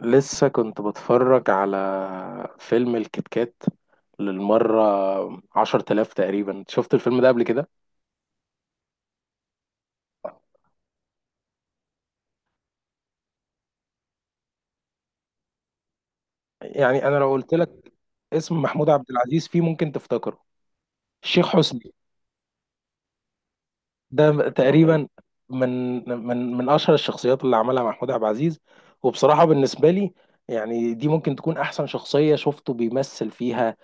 لسه كنت بتفرج على فيلم الكيت كات للمرة عشر تلاف تقريبا. شفت الفيلم ده قبل كده. يعني أنا لو قلت لك اسم محمود عبد العزيز فيه ممكن تفتكره الشيخ حسني. ده تقريبا من من أشهر الشخصيات اللي عملها محمود عبد العزيز. وبصراحة بالنسبة لي يعني دي ممكن تكون أحسن شخصية شفته بيمثل فيها.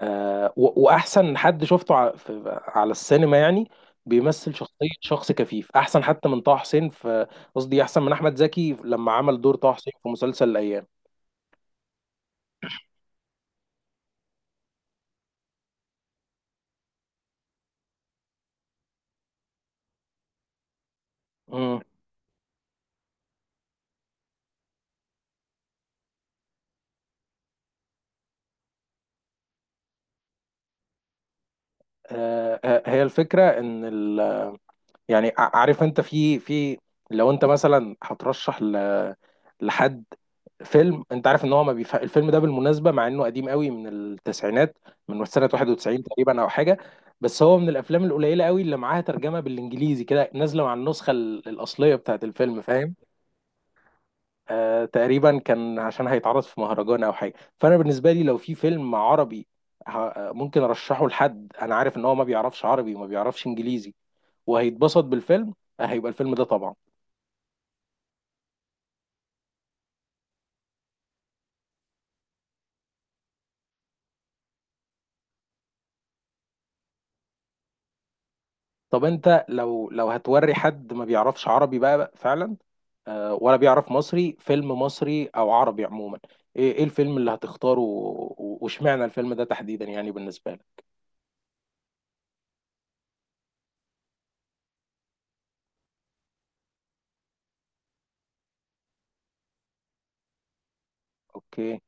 واحسن حد شفته على السينما، يعني بيمثل شخصية شخص كفيف احسن حتى من طه حسين في، قصدي احسن من احمد زكي لما عمل دور طه حسين في مسلسل الايام. مم. هي الفكرة ان يعني عارف انت في لو انت مثلا هترشح لحد فيلم، انت عارف ان هو ما بيف... الفيلم ده بالمناسبه مع انه قديم قوي من التسعينات، من سنه 91 تقريبا او حاجه. بس هو من الافلام القليله قوي اللي معاها ترجمه بالانجليزي كده نازله مع النسخه الاصليه بتاعت الفيلم، فاهم. آه تقريبا كان عشان هيتعرض في مهرجان او حاجه. فانا بالنسبه لي لو في فيلم عربي ممكن ارشحه لحد انا عارف ان هو ما بيعرفش عربي وما بيعرفش انجليزي وهيتبسط بالفيلم، هيبقى الفيلم ده طبعا. طب انت لو هتوري حد ما بيعرفش عربي بقى، بقى فعلا، ولا بيعرف مصري، فيلم مصري او عربي عموما، ايه ايه الفيلم اللي هتختاره واشمعنى الفيلم ده تحديدا يعني بالنسبه لك؟ اوكي.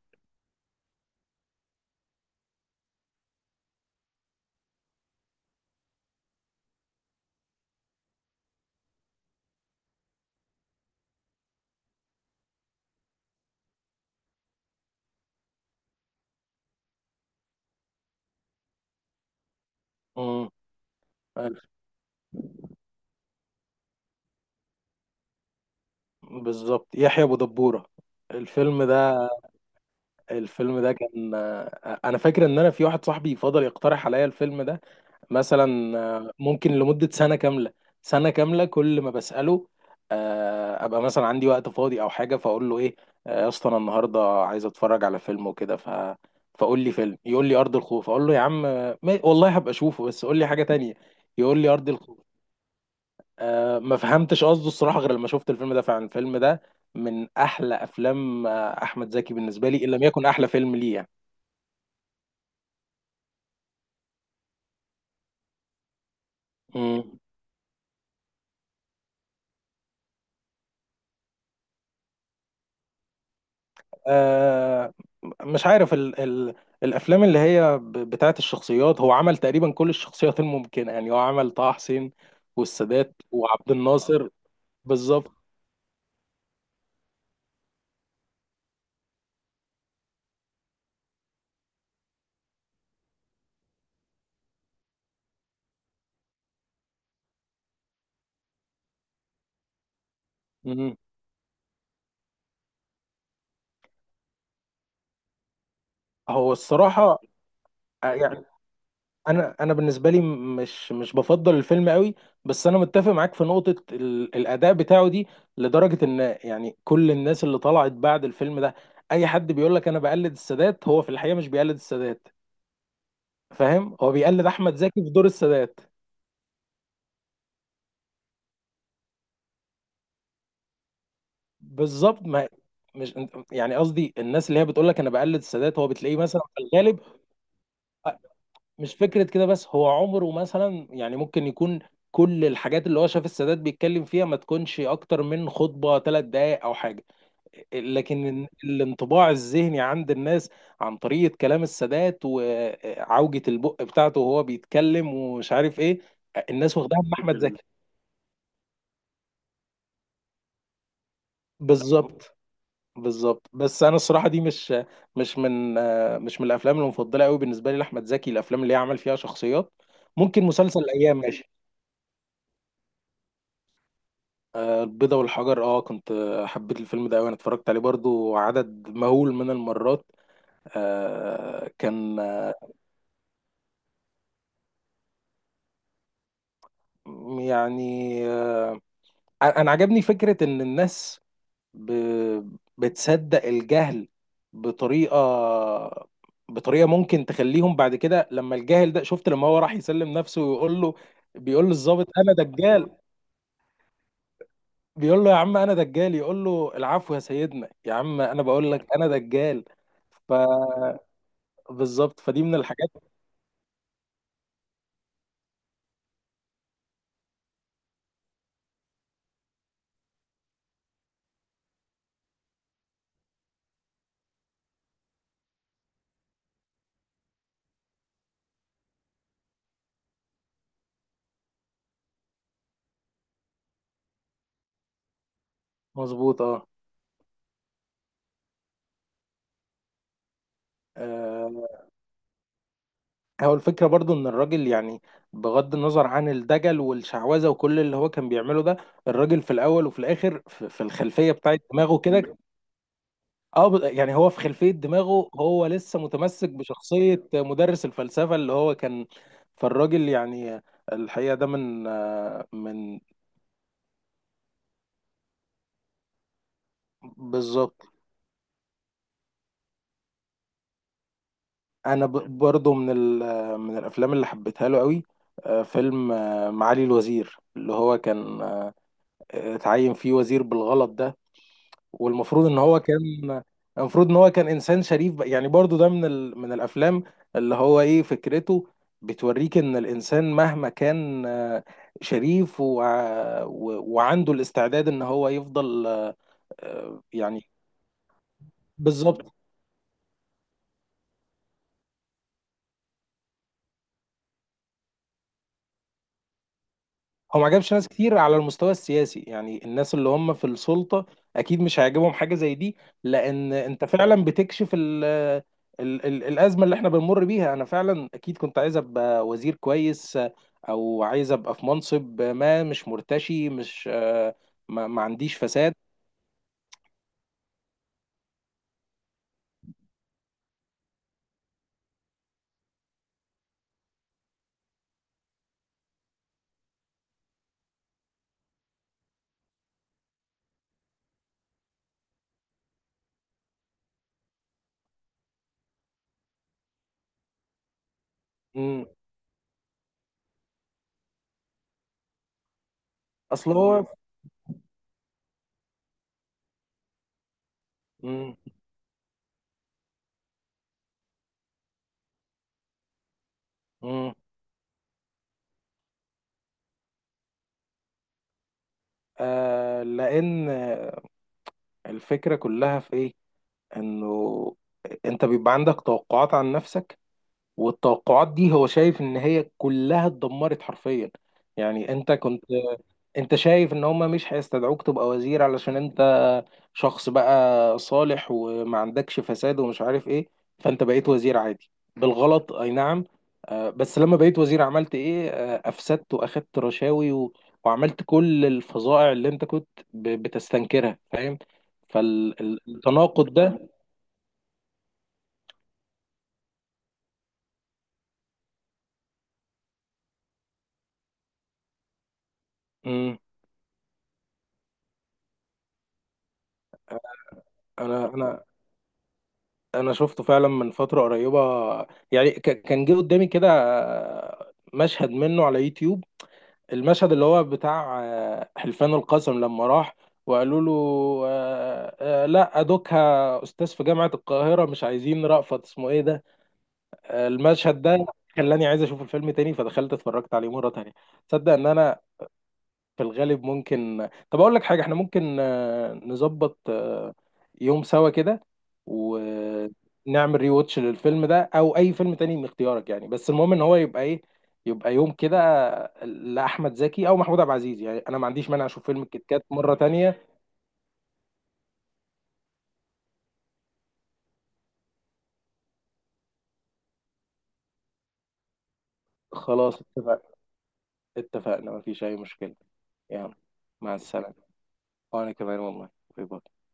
امم. بالظبط يحيى ابو دبوره الفيلم ده. الفيلم ده كان انا فاكر ان انا في واحد صاحبي فضل يقترح عليا الفيلم ده مثلا ممكن لمدة سنة كاملة. سنة كاملة كل ما بسأله أبقى مثلا عندي وقت فاضي أو حاجة، فأقول له إيه يا اسطى أنا النهاردة عايز أتفرج على فيلم وكده، فقول لي فيلم، يقول لي أرض الخوف، أقول له يا عم آه، ما... والله هبقى أشوفه بس قول لي حاجة تانية، يقول لي أرض الخوف. أه ما فهمتش قصده الصراحة غير لما شفت الفيلم ده. فعلا الفيلم ده من أحلى أفلام أحمد زكي بالنسبة لي، إن لم يكن أحلى فيلم ليه يعني. مم. آه، مش عارف ال الافلام اللي هي بتاعت الشخصيات هو عمل تقريبا كل الشخصيات الممكنه، يعني هو عمل طه حسين والسادات وعبد الناصر. بالظبط. مم. هو الصراحه يعني انا بالنسبه لي مش بفضل الفيلم قوي، بس انا متفق معاك في نقطه الاداء بتاعه دي، لدرجه ان يعني كل الناس اللي طلعت بعد الفيلم ده اي حد بيقول لك انا بقلد السادات هو في الحقيقه مش بيقلد السادات، فاهم، هو بيقلد احمد زكي في دور السادات. بالظبط ما مش يعني قصدي الناس اللي هي بتقول لك انا بقلد السادات هو بتلاقيه مثلا في الغالب آه، مش فكره كده، بس هو عمره مثلا يعني ممكن يكون كل الحاجات اللي هو شاف السادات بيتكلم فيها ما تكونش اكتر من خطبه ثلاث دقائق او حاجه. لكن الانطباع الذهني عند الناس عن طريقه كلام السادات وعوجه البق بتاعته وهو بيتكلم ومش عارف ايه، الناس واخداها من احمد زكي. بالظبط. بالظبط. بس انا الصراحه دي مش من الافلام المفضله قوي بالنسبه لي لاحمد زكي، الافلام اللي يعمل فيها شخصيات. ممكن مسلسل الايام ماشي. البيضة والحجر، اه كنت حبيت الفيلم ده قوي، انا اتفرجت عليه برضو عدد مهول من المرات. آه، كان آه، يعني آه، انا عجبني فكره ان الناس ب... بتصدق الجهل بطريقة بطريقة ممكن تخليهم بعد كده لما الجاهل ده، شفت لما هو راح يسلم نفسه ويقول له، بيقول للضابط انا دجال، بيقول له يا عم انا دجال، يقول له العفو يا سيدنا، يا عم انا بقول لك انا دجال. ف بالظبط، فدي من الحاجات. مظبوط اه. آه، هو الفكرة برضو ان الراجل يعني بغض النظر عن الدجل والشعوذة وكل اللي هو كان بيعمله ده، الراجل في الاول وفي الاخر في الخلفية بتاعت دماغه كده، اه يعني هو في خلفية دماغه هو لسه متمسك بشخصية مدرس الفلسفة اللي هو كان. فالراجل يعني، الحقيقة ده من بالظبط. انا برضو من ال آه، من الافلام اللي حبيتها له قوي فيلم معالي الوزير، اللي هو كان اتعين فيه وزير بالغلط ده، والمفروض ان هو كان، المفروض ان هو كان انسان شريف بقى. يعني برضو ده من من الافلام اللي هو ايه فكرته بتوريك ان الانسان مهما كان شريف وعنده الاستعداد ان هو يفضل آه، يعني بالظبط. هو ما عجبش ناس كتير على المستوى السياسي، يعني الناس اللي هم في السلطة أكيد مش هيعجبهم حاجة زي دي، لأن أنت فعلا بتكشف ال الأزمة اللي احنا بنمر بيها. أنا فعلا أكيد كنت عايز أبقى وزير كويس، أو عايز أبقى في منصب ما مش مرتشي، مش آه، ما, ما عنديش فساد. مم. أصل هو، مم، مم، لأن الفكرة كلها في إيه؟ إنه أنت بيبقى عندك توقعات عن نفسك، والتوقعات دي هو شايف ان هي كلها اتدمرت حرفيا، يعني انت كنت، انت شايف ان هما مش هيستدعوك تبقى وزير علشان انت شخص بقى صالح وما عندكش فساد ومش عارف ايه، فانت بقيت وزير عادي بالغلط اي نعم. بس لما بقيت وزير عملت ايه، افسدت واخدت رشاوي وعملت كل الفظائع اللي انت كنت بتستنكرها، فاهم، فالتناقض ده. مم. انا انا انا شفته فعلا من فتره قريبه، يعني كان جه قدامي كده مشهد منه على يوتيوب، المشهد اللي هو بتاع حلفان القسم لما راح وقالوا له لا دوكها استاذ في جامعه القاهره مش عايزين رأفت اسمه ايه ده. المشهد ده خلاني عايز اشوف الفيلم تاني، فدخلت اتفرجت عليه مره تانية. تصدق ان انا في الغالب ممكن، طب اقول لك حاجه، احنا ممكن نظبط يوم سوا كده ونعمل ري واتش للفيلم ده او اي فيلم تاني من اختيارك يعني، بس المهم ان هو يبقى ايه، يبقى يوم كده لاحمد زكي او محمود عبد العزيز، يعني انا ما عنديش مانع اشوف فيلم الكيت كات مره تانية. خلاص اتفقنا. اتفقنا مفيش اي مشكله. يلا مع السلامه. وانا كمان والله. باي باي.